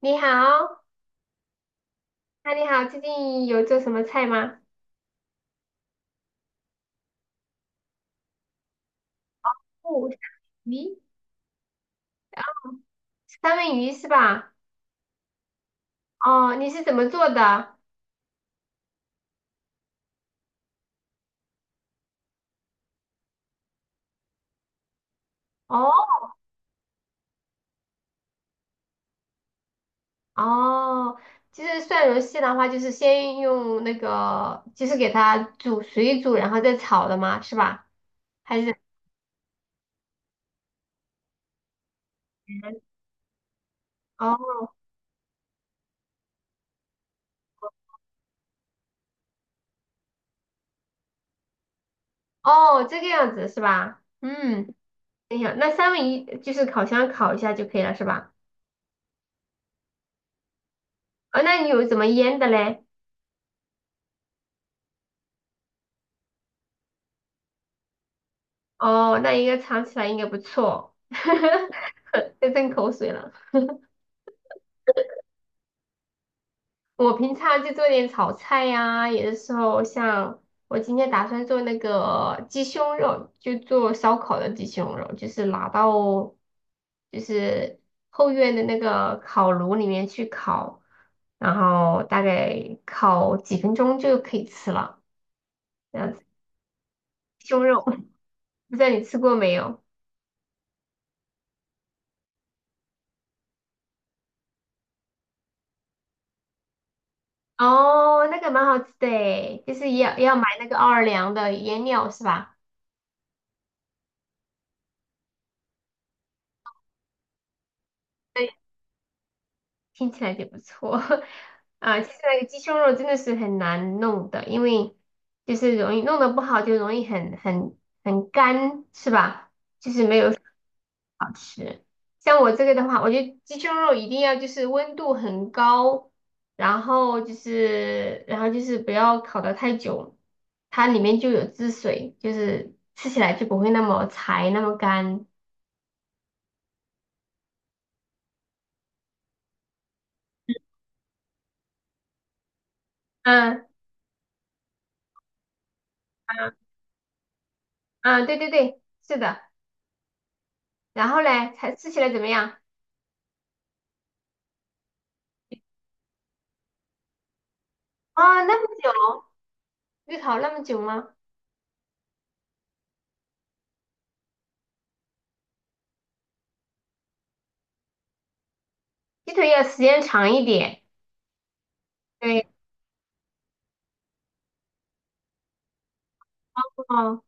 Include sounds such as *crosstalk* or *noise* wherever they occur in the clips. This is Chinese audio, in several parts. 你好，那你好，最近有做什么菜吗？哦，鱼，三文鱼是吧？哦，你是怎么做的？哦哦，就是蒜蓉蟹的话，就是先用那个，就是给它煮水煮，然后再炒的吗？是吧？还是哦哦这个样子是吧？嗯，等一下，那三文鱼就是烤箱烤一下就可以了是吧？哦，那你有怎么腌的嘞？哦，那应该尝起来应该不错，*laughs* 在吞口水了。我平常就做点炒菜呀、有的时候像我今天打算做那个鸡胸肉，就做烧烤的鸡胸肉，就是就是后院的那个烤炉里面去烤，然后大概烤几分钟就可以吃了。这样子，鸡胸肉，*laughs* 不知道你吃过没有？哦，那个蛮好吃的诶就是要买那个奥尔良的腌料是吧？听起来就不错 *laughs* 啊。其实那个鸡胸肉真的是很难弄的，因为就是容易弄得不好，就容易很干，是吧？就是没有好吃。像我这个的话，我觉得鸡胸肉一定要就是温度很高，然后就是不要烤得太久，它里面就有汁水，就是吃起来就不会那么柴那么干。嗯嗯嗯，对对对，是的。然后嘞，才吃起来怎么样？啊，那么久，预烤那么久吗？鸡腿要时间长一点。对，哦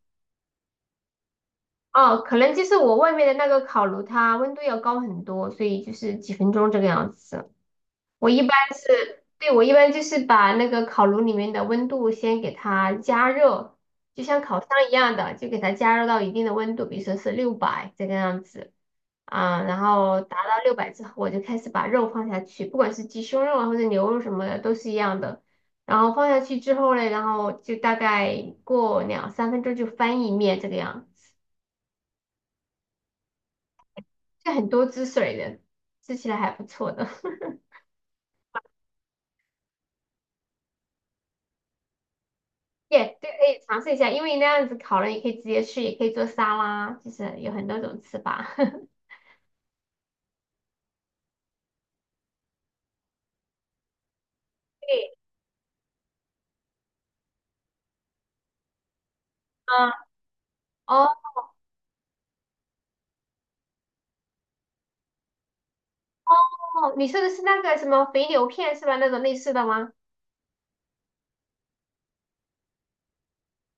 哦，可能就是我外面的那个烤炉，它温度要高很多，所以就是几分钟这个样子。我一般是，对，我一般就是把那个烤炉里面的温度先给它加热，就像烤箱一样的，就给它加热到一定的温度，比如说是六百这个样子啊，然后达到六百之后，我就开始把肉放下去，不管是鸡胸肉啊或者牛肉什么的都是一样的。然后放下去之后呢，然后就大概过两三分钟就翻一面这个样子，就很多汁水的，吃起来还不错的。*laughs* 也对，可以尝试一下，因为那样子烤了，也可以直接吃，也可以做沙拉，就是有很多种吃法。*laughs* 对，啊，哦哦，你说的是那个什么肥牛片是吧？那种类似的吗？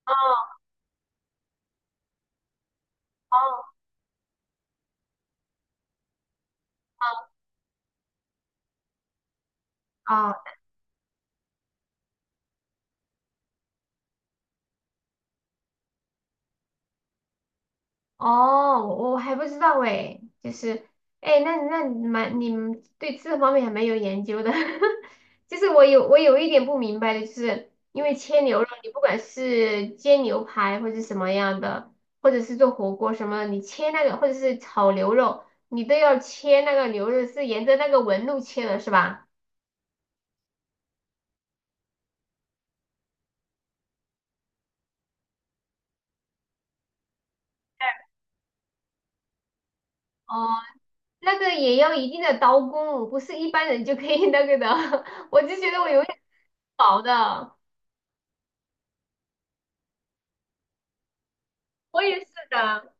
哦哦哦。哦哦，我还不知道哎，就是，哎，那你们对这方面还蛮有研究的，*laughs* 就是我有一点不明白的，就是因为切牛肉，你不管是煎牛排或者什么样的，或者是做火锅什么，你切那个或者是炒牛肉，你都要切那个牛肉是沿着那个纹路切的，是吧？哦，那个也要一定的刀工，不是一般人就可以那个的，*laughs* 我就觉得我永远是薄的。我也是的，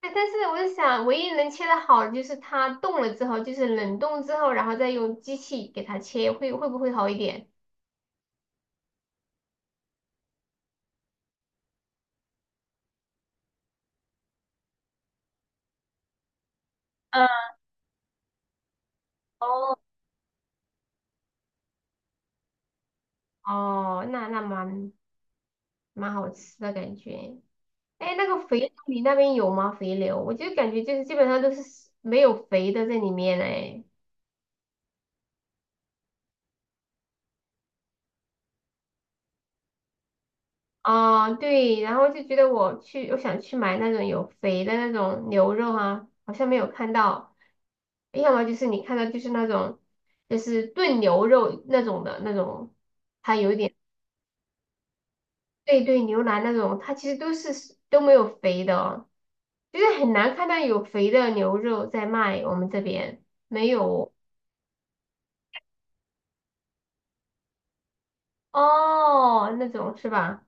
对，但是我是想，唯一能切的好的就是它冻了之后，就是冷冻之后，然后再用机器给它切，会不会好一点？嗯，哦，哦，那蛮好吃的感觉。哎，那个肥牛你那边有吗？肥牛，我就感觉就是基本上都是没有肥的在里面哎。啊，对，然后就觉得我去，我想去买那种有肥的那种牛肉啊，好像没有看到，要么就是你看到就是那种就是炖牛肉那种的那种，它有一点，对对，牛腩那种，它其实都没有肥的哦就是很难看到有肥的牛肉在卖，我们这边没有哦，那种是吧？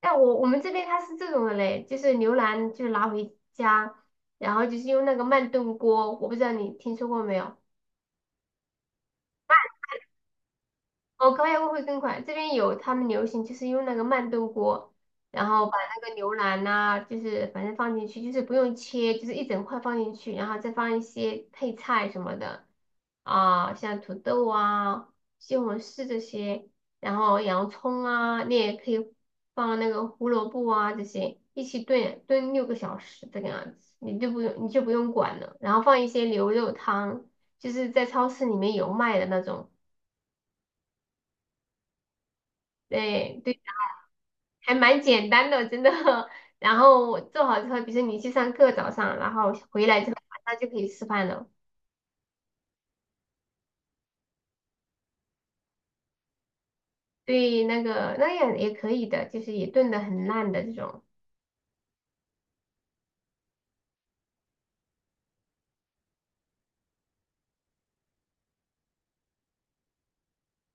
哎，我们这边它是这种的嘞，就是牛腩就拿回家，然后就是用那个慢炖锅，我不知道你听说过没有？哦，高压锅会更快。这边有他们流行就是用那个慢炖锅，然后把那个牛腩呐、就是反正放进去，就是不用切，就是一整块放进去，然后再放一些配菜什么的啊，像土豆啊、西红柿这些，然后洋葱啊，你也可以放那个胡萝卜啊这些一起炖6个小时这个样子，你就不用管了，然后放一些牛肉汤，就是在超市里面有卖的那种。对对，还蛮简单的，真的。*laughs* 然后做好之后，比如说你去上课早上，然后回来之后晚上就可以吃饭了。对，那个那样也可以的，就是也炖的很烂的这种。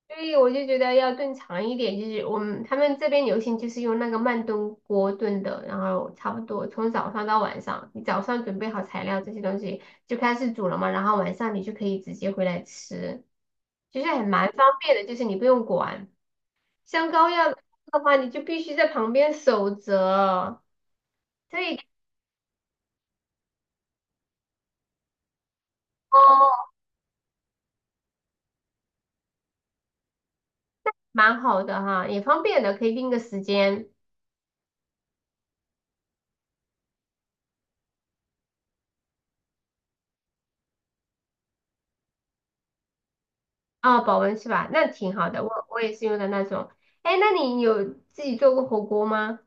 所以我就觉得要炖长一点，就是他们这边流行就是用那个慢炖锅炖的，然后差不多从早上到晚上，你早上准备好材料这些东西就开始煮了嘛，然后晚上你就可以直接回来吃，其实还蛮方便的，就是你不用管。像高压的话，你就必须在旁边守着，这一点哦，蛮好的哈，也方便的，可以定个时间啊，保温是吧？那挺好的，我也是用的那种。哎，那你有自己做过火锅吗？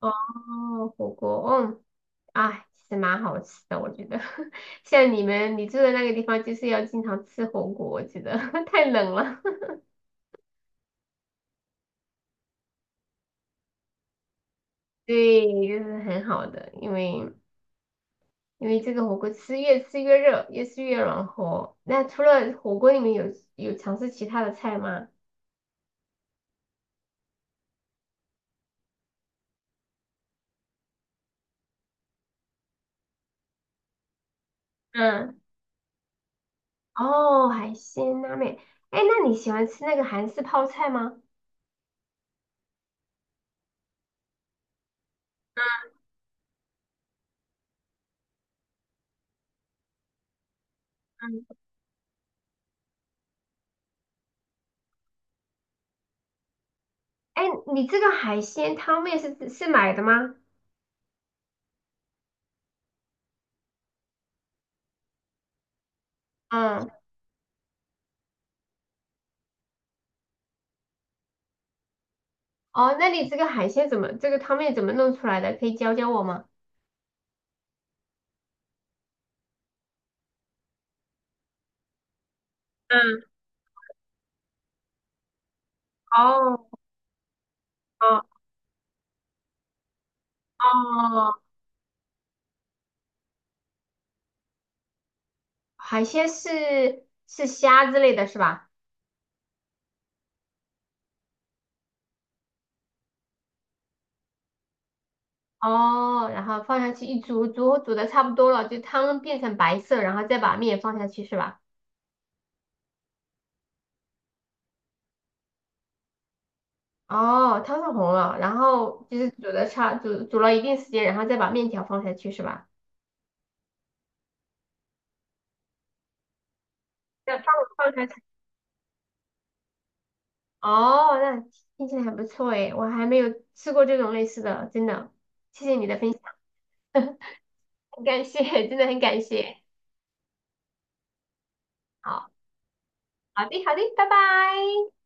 哦，火锅，嗯，哎，其实蛮好吃的，我觉得。*laughs* 像你住的那个地方，就是要经常吃火锅，我觉得 *laughs* 太冷了。*laughs* 对，就是很好的，因为这个火锅吃越吃越热，越吃越暖和。那除了火锅，你们有尝试其他的菜吗？嗯哦，海鲜拉面。哎，那你喜欢吃那个韩式泡菜吗？嗯哎，你这个海鲜汤面是买的吗？嗯哦，那你这个海鲜怎么，这个汤面怎么弄出来的？可以教教我吗？嗯，哦哦哦，海鲜是虾之类的是吧？哦，然后放下去一煮，煮煮的差不多了，就汤变成白色，然后再把面放下去是吧？哦，汤是红了，然后就是煮的差煮煮了一定时间，然后再把面条放下去是吧？再放下去。哦，那听起来还不错诶，我还没有吃过这种类似的，真的，谢谢你的分享，*laughs* 很感谢，真的很感谢。好，好的，好的，拜拜。